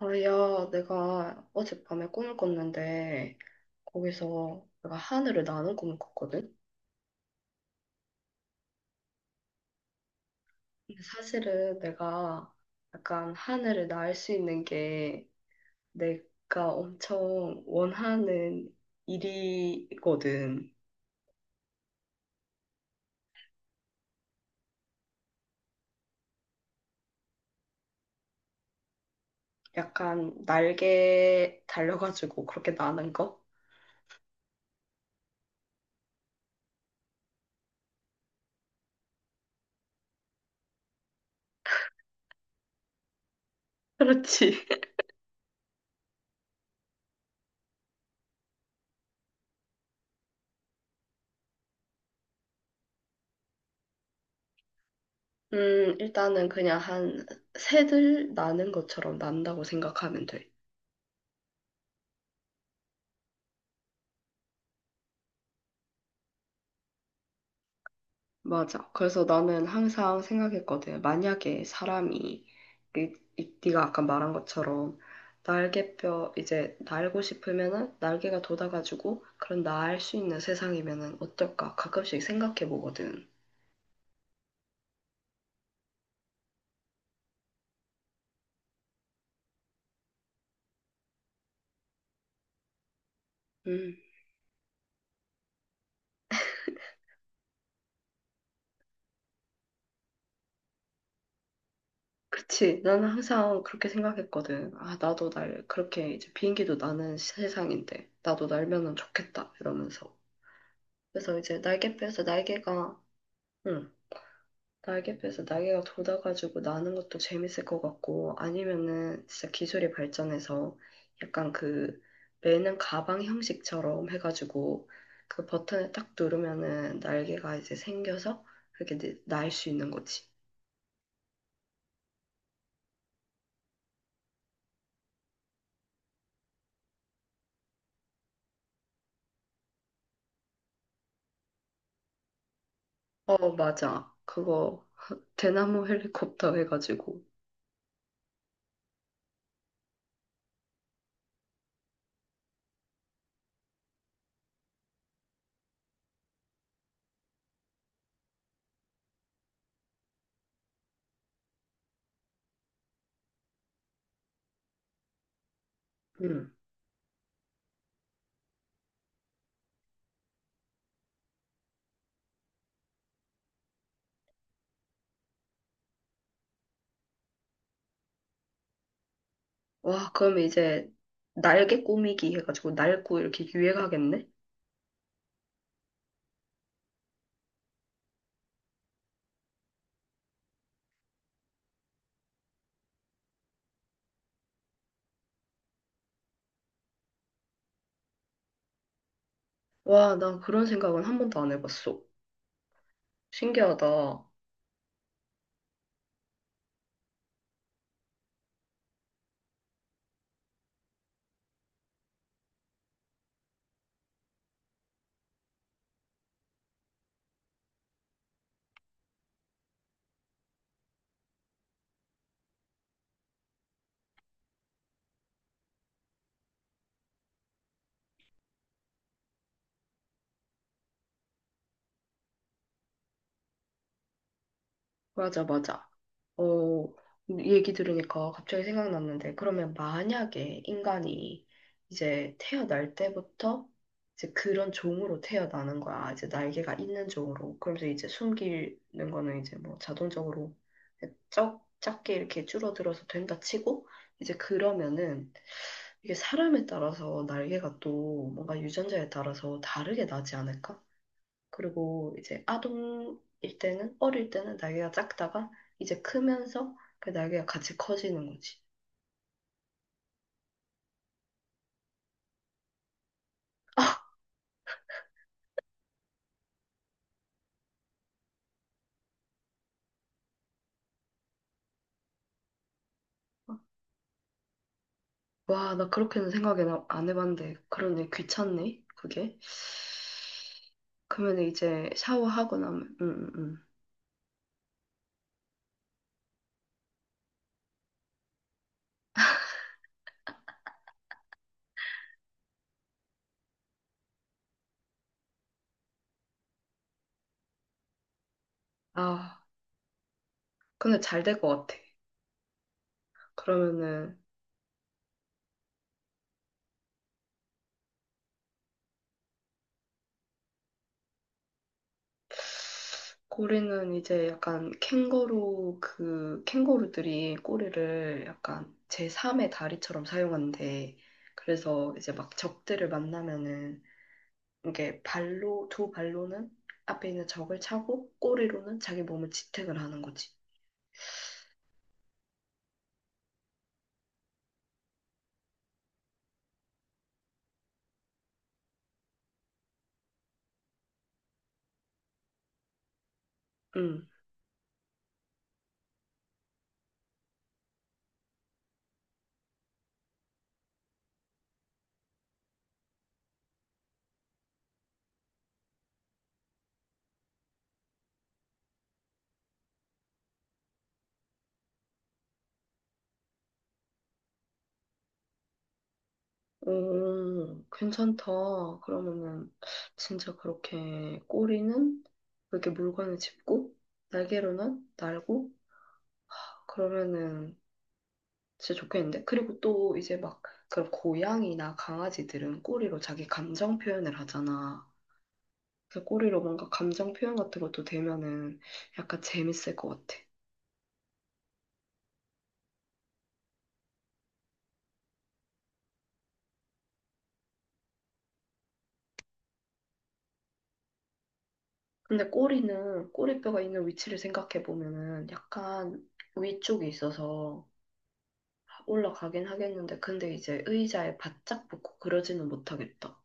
아, 야, 내가 어젯밤에 꿈을 꿨는데, 거기서 내가 하늘을 나는 꿈을 꿨거든? 근데 사실은 내가 약간 하늘을 날 수 있는 게 내가 엄청 원하는 일이거든. 약간 날개 달려가지고 그렇게 나는 거? 그렇지. 일단은 그냥 한 새들 나는 것처럼 난다고 생각하면 돼. 맞아. 그래서 나는 항상 생각했거든. 만약에 사람이, 네가 아까 말한 것처럼, 날개뼈, 이제 날고 싶으면은 날개가 돋아가지고, 그런 날 수 있는 세상이면은 어떨까? 가끔씩 생각해 보거든. 음, 그치. 나는 항상 그렇게 생각했거든. 아, 나도 날, 그렇게 이제 비행기도 나는 세상인데, 나도 날면은 좋겠다. 이러면서. 그래서 이제 날개뼈에서 날개가, 응, 날개뼈에서 날개가 돋아가지고 나는 것도 재밌을 것 같고, 아니면은 진짜 기술이 발전해서 약간 그 매는 가방 형식처럼 해가지고 그 버튼을 딱 누르면은 날개가 이제 생겨서 그렇게 날 수 있는 거지. 어, 맞아. 그거 대나무 헬리콥터 해가지고. 음. 와, 그럼 이제 날개 꾸미기 해가지고 날고 이렇게 유행하겠네? 와, 나 그런 생각은 한 번도 안 해봤어. 신기하다. 맞아, 맞아. 어, 얘기 들으니까 갑자기 생각났는데, 그러면 만약에 인간이 이제 태어날 때부터 이제 그런 종으로 태어나는 거야. 이제 날개가 있는 종으로. 그러면서 이제 숨기는 거는 이제 뭐 자동적으로 쩍, 작게 이렇게 줄어들어서 된다 치고, 이제 그러면은 이게 사람에 따라서 날개가 또 뭔가 유전자에 따라서 다르게 나지 않을까? 그리고 이제 아동일 때는, 어릴 때는 날개가 작다가 이제 크면서 그 날개가 같이 커지는 거지. 아, 와, 나 그렇게는 생각은 안 해봤는데, 그러네, 귀찮네, 그게. 그러면 이제 샤워하고 나면, 아, 근데 잘 될 것 같아. 그러면은 고래는 이제 약간 캥거루 그 캥거루들이 꼬리를 약간 제3의 다리처럼 사용한대. 그래서 이제 막 적들을 만나면은 이게 발로 두 발로는 앞에 있는 적을 차고 꼬리로는 자기 몸을 지탱을 하는 거지. 응. 오, 괜찮다. 그러면은 진짜 그렇게 꼬리는 이렇게 물건을 짚고 날개로는 날고 그러면은 진짜 좋겠는데? 그리고 또 이제 막 그런 고양이나 강아지들은 꼬리로 자기 감정 표현을 하잖아. 그 꼬리로 뭔가 감정 표현 같은 것도 되면은 약간 재밌을 것 같아. 근데 꼬리는 꼬리뼈가 있는 위치를 생각해 보면은 약간 위쪽이 있어서 올라가긴 하겠는데 근데 이제 의자에 바짝 붙고 그러지는 못하겠다.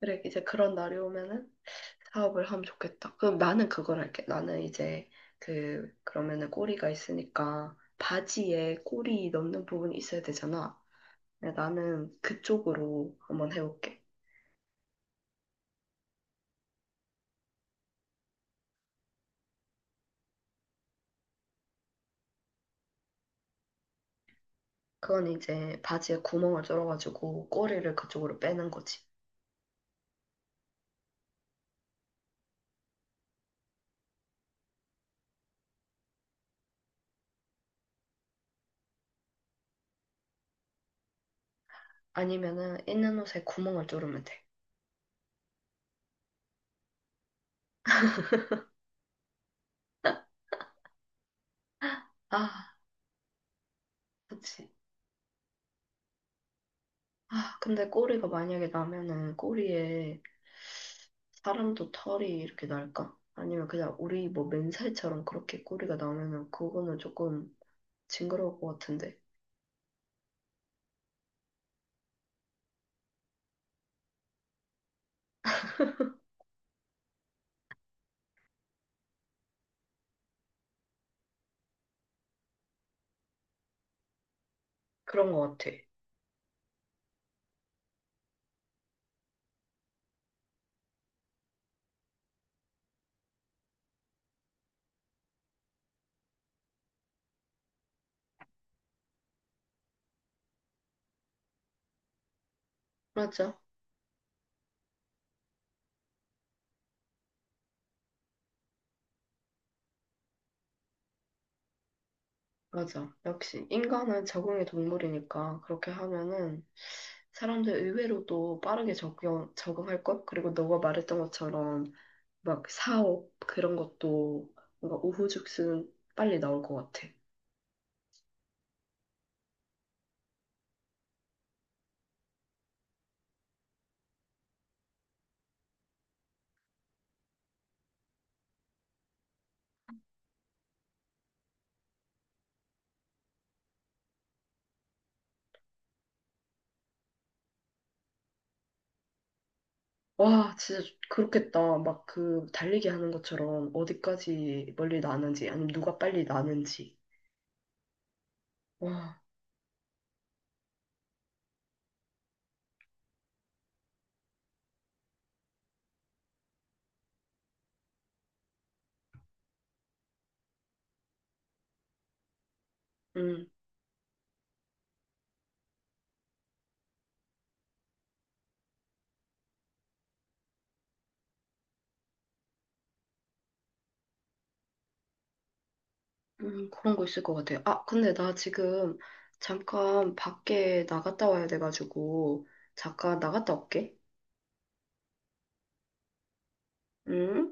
그래 이제 그런 날이 오면은 사업을 하면 좋겠다. 그럼 나는 그걸 할게. 나는 이제 그러면은 꼬리가 있으니까 바지에 꼬리 넣는 부분이 있어야 되잖아. 근데 나는 그쪽으로 한번 해볼게. 그건 이제 바지에 구멍을 뚫어가지고 꼬리를 그쪽으로 빼는 거지. 아니면은 있는 옷에 구멍을 뚫으면 돼. 아, 그렇 아, 근데 꼬리가 만약에 나면은 꼬리에 사람도 털이 이렇게 날까? 아니면 그냥 우리 뭐 맨살처럼 그렇게 꼬리가 나면은 그거는 조금 징그러울 것 같은데. 그런 것 같아. 맞아, 맞아. 역시 인간은 적응의 동물이니까 그렇게 하면은 사람들 의외로도 빠르게 적용, 적응할 것? 그리고 너가 말했던 것처럼 막 사업 그런 것도 뭔가 우후죽순 빨리 나올 것 같아. 와, 진짜 그렇겠다. 막 그 달리기 하는 것처럼 어디까지 멀리 나는지, 아니면 누가 빨리 나는지. 와, 음, 그런 거 있을 것 같아요. 아, 근데 나 지금 잠깐 밖에 나갔다 와야 돼가지고, 잠깐 나갔다 올게. 응?